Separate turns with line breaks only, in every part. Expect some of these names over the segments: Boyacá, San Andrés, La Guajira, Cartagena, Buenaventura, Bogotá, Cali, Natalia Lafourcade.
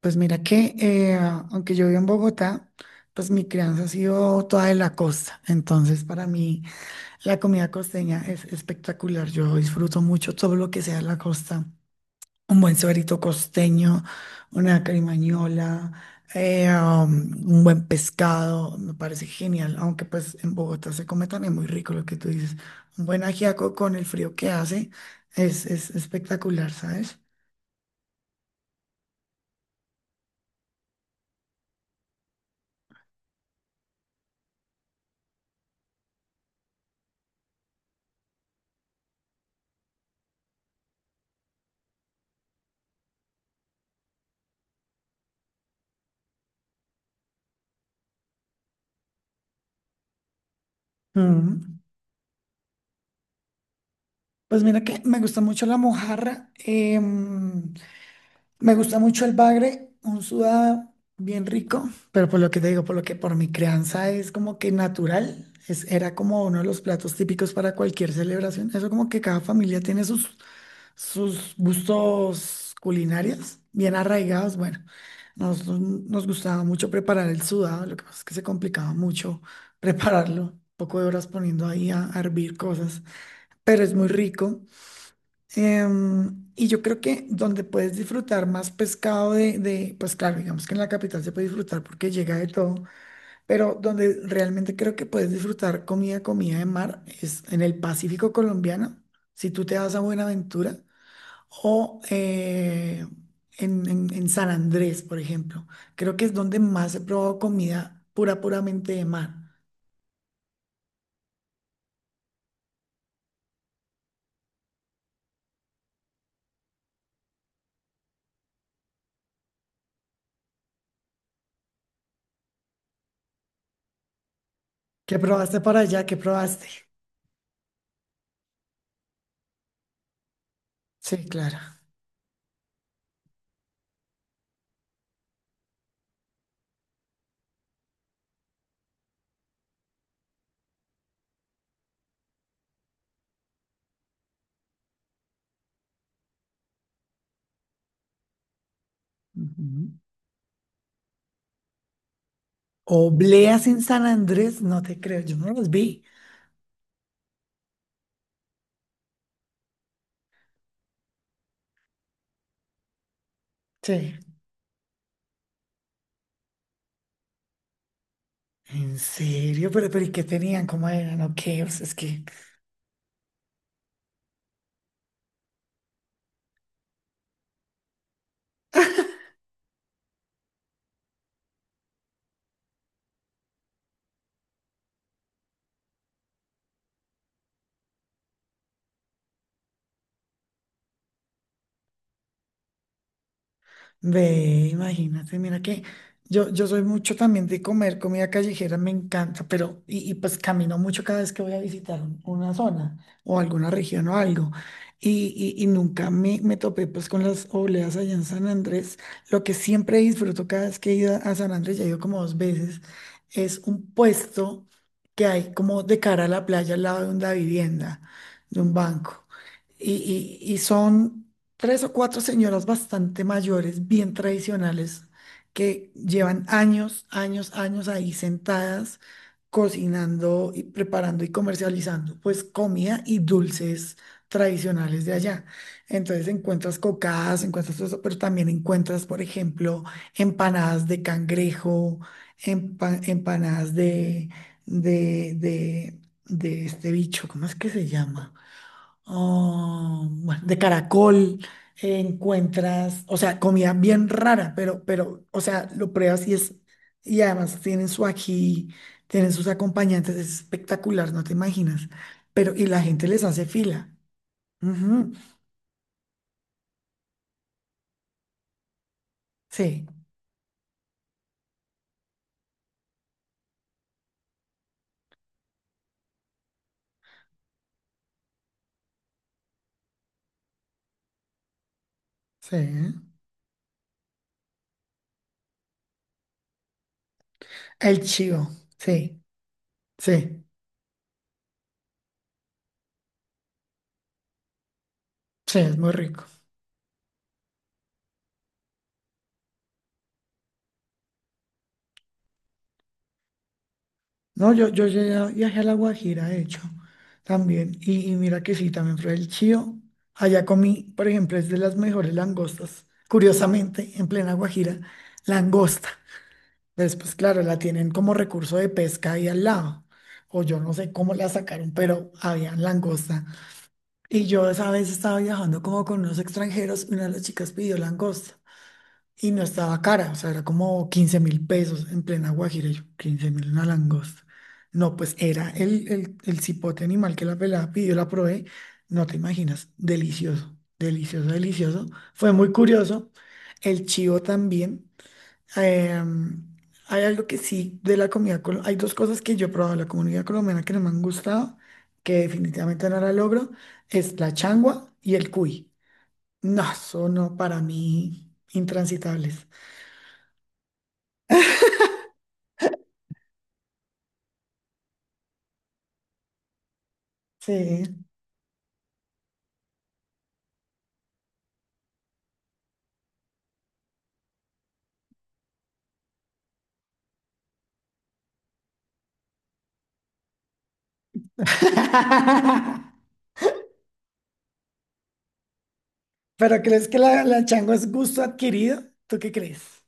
Pues mira que, aunque yo vivo en Bogotá, pues mi crianza ha sido toda de la costa. Entonces, para mí, la comida costeña es espectacular. Yo disfruto mucho todo lo que sea la costa. Un buen suerito costeño, una carimañola, eh, um, un buen pescado, me parece genial. Aunque pues en Bogotá se come también muy rico lo que tú dices. Un buen ajiaco con el frío que hace es espectacular, ¿sabes? Mm. Pues mira que me gusta mucho la mojarra, me gusta mucho el bagre, un sudado bien rico, pero por lo que te digo, por lo que por mi crianza es como que natural, era como uno de los platos típicos para cualquier celebración. Eso como que cada familia tiene sus gustos culinarios bien arraigados. Bueno, nos gustaba mucho preparar el sudado, lo que pasa es que se complicaba mucho prepararlo, un poco de horas poniendo ahí a hervir cosas, pero es muy rico. Y yo creo que donde puedes disfrutar más pescado pues claro, digamos que en la capital se puede disfrutar porque llega de todo, pero donde realmente creo que puedes disfrutar comida, comida de mar es en el Pacífico colombiano, si tú te vas a Buenaventura o en San Andrés, por ejemplo. Creo que es donde más he probado comida pura, puramente de mar. ¿Qué probaste para allá? ¿Qué probaste? Sí, claro. Obleas en San Andrés, no te creo, yo no los vi. Sí. En serio, pero, ¿y qué tenían? ¿Cómo eran? ¿O qué? O sea, es que. Ve, imagínate, mira que yo soy mucho también de comer comida callejera, me encanta, pero y pues camino mucho cada vez que voy a visitar una zona o alguna región o algo. Y nunca me topé pues con las obleas allá en San Andrés. Lo que siempre disfruto cada vez que he ido a San Andrés, ya he ido como dos veces, es un puesto que hay como de cara a la playa al lado de una vivienda, de un banco. Y son tres o cuatro señoras bastante mayores, bien tradicionales, que llevan años, años, años ahí sentadas, cocinando y preparando y comercializando, pues comida y dulces tradicionales de allá. Entonces encuentras cocadas, encuentras todo eso, pero también encuentras, por ejemplo, empanadas de cangrejo, empanadas de, de, de, este bicho, ¿cómo es que se llama? Ah, bueno, de caracol. Encuentras, o sea, comida bien rara, o sea, lo pruebas y y además tienen su ají, tienen sus acompañantes, es espectacular, no te imaginas. Pero, y la gente les hace fila. Ujú. Sí, sí. El chivo, sí, sí, sí, es muy rico. No, yo llegué viajé a La Guajira, de hecho, también. Y mira que sí, también fue el chío. Allá comí, por ejemplo, es de las mejores langostas. Curiosamente, en plena Guajira, langosta. Pues, pues claro, la tienen como recurso de pesca ahí al lado. O yo no sé cómo la sacaron, pero había langosta. Y yo esa vez estaba viajando como con unos extranjeros. Y una de las chicas pidió langosta. Y no estaba cara, o sea, era como 15.000 pesos en plena Guajira, y yo, 15 mil una langosta. No, pues era el cipote animal que la pelada pidió, la probé, no te imaginas, delicioso, delicioso, delicioso. Fue muy curioso, el chivo también. Em, Hay algo que sí de la comida, hay dos cosas que yo he probado de la comunidad colombiana que no me han gustado, que definitivamente no la logro, es la changua y el cuy. No, son no, para mí intransitables. Sí. ¿Pero crees que la chango es gusto adquirido? ¿Tú qué crees?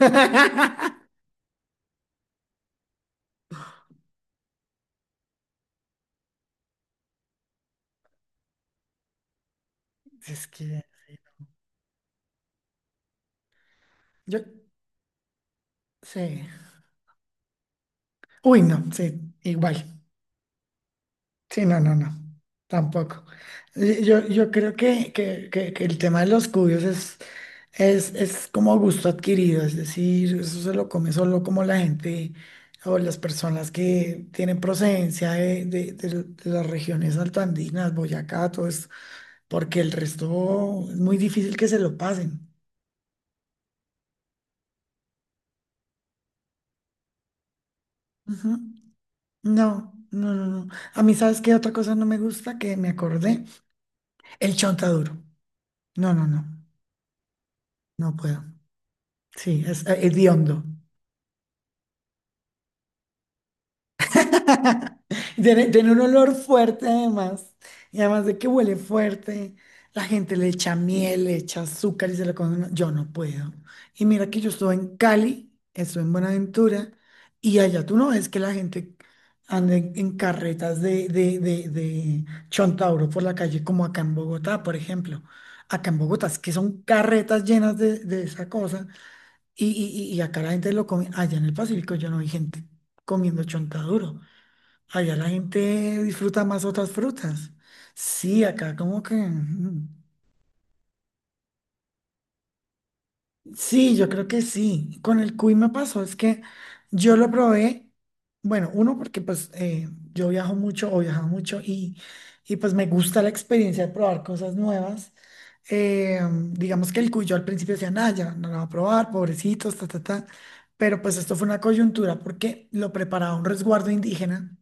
Es que yo, sí. Uy, no, sí, igual. Sí, no, no, no, tampoco. Y yo creo que el tema de los cubios es como gusto adquirido, es decir, eso se lo come solo como la gente o las personas que tienen procedencia de las regiones altoandinas, Boyacá, todo esto, porque el resto es muy difícil que se lo pasen. Ujú. No, no, no, no. A mí, ¿sabes qué otra cosa no me gusta? Que me acordé, el chontaduro. No, no, no, no puedo. Sí, es hediondo. Tiene un olor fuerte además. Y además de que huele fuerte, la gente le echa miel, le echa azúcar y se lo come. No, yo no puedo. Y mira que yo estuve en Cali, estuve en Buenaventura, y allá tú no ves que la gente anda en carretas de Chontauro por la calle, como acá en Bogotá, por ejemplo. Acá en Bogotá es que son carretas llenas de esa cosa. Y, y acá la gente lo come, allá en el Pacífico yo no vi gente comiendo chontaduro. Allá la gente disfruta más otras frutas. Sí, acá como que, mm. Sí, yo creo que sí. Con el cuy me pasó, es que yo lo probé, bueno, uno porque pues yo viajo mucho o viajaba mucho, y pues me gusta la experiencia de probar cosas nuevas. Eh, digamos que el cuy yo al principio decía, nada, ya no lo va a probar, pobrecitos, ta, ta, ta. Pero pues esto fue una coyuntura porque lo preparaba un resguardo indígena,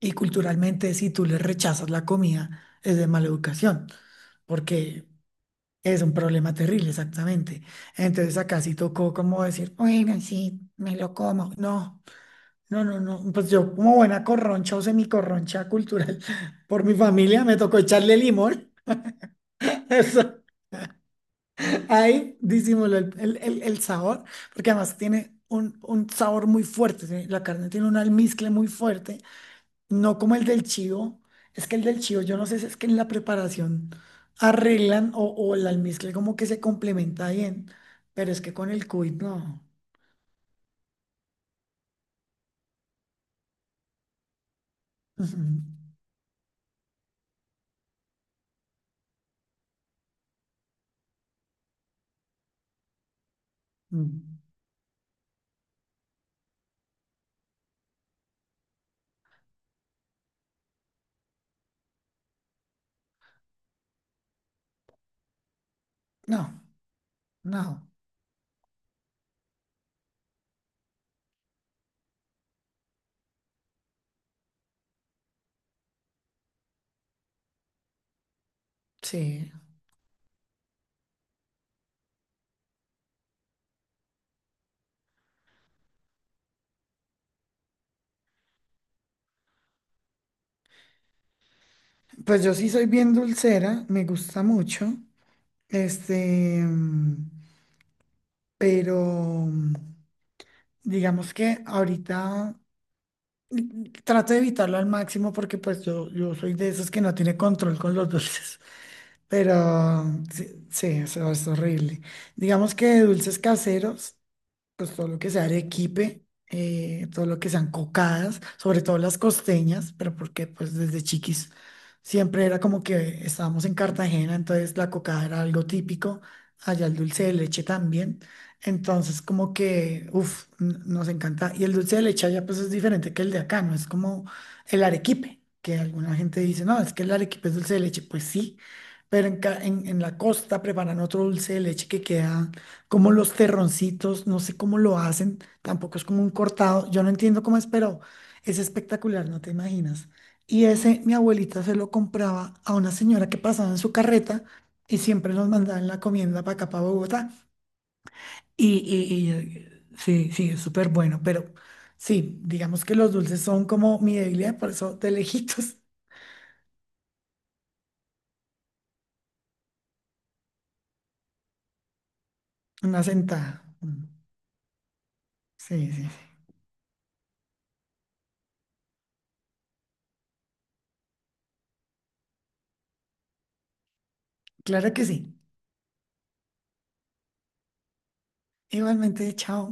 y culturalmente si tú le rechazas la comida es de mala educación porque es un problema terrible, exactamente. Entonces acá sí tocó como decir, bueno, sí, me lo como. No, no, no, no. Pues yo como buena corroncha o semicorroncha cultural por mi familia, me tocó echarle limón. Eso, ahí disimuló el sabor, porque además tiene un sabor muy fuerte. ¿Sí? La carne tiene un almizcle muy fuerte. No como el del chivo. Es que el del chivo, yo no sé si es que en la preparación arreglan o el almizcle como que se complementa bien, pero es que con el cuy no. Ujú. Mm. No, no, sí. Pues yo sí soy bien dulcera, me gusta mucho. Este, mm, pero mm, digamos que ahorita trato de evitarlo al máximo porque pues yo soy de esos que no tiene control con los dulces. Pero sí, sí, eso es horrible. Digamos que de dulces caseros pues todo lo que sea arequipe, todo lo que sean cocadas, sobre todo las costeñas, pero porque pues desde chiquis siempre era como que estábamos en Cartagena, entonces la cocada era algo típico, allá el dulce de leche también, entonces como que, uff, nos encanta, y el dulce de leche allá pues es diferente que el de acá, no es como el arequipe, que alguna gente dice, no, es que el arequipe es dulce de leche, pues sí. Pero en, en la costa preparan otro dulce de leche que queda como los terroncitos, no sé cómo lo hacen, tampoco es como un cortado, yo no entiendo cómo es, pero es espectacular, no te imaginas. Y ese mi abuelita se lo compraba a una señora que pasaba en su carreta y siempre nos mandaban la comienda para acá, para Bogotá. Sí, sí, es súper bueno, pero sí, digamos que los dulces son como mi debilidad, por eso de lejitos, una sentada. Mm, sí, sí, sí. Claro que sí. Igualmente, chao.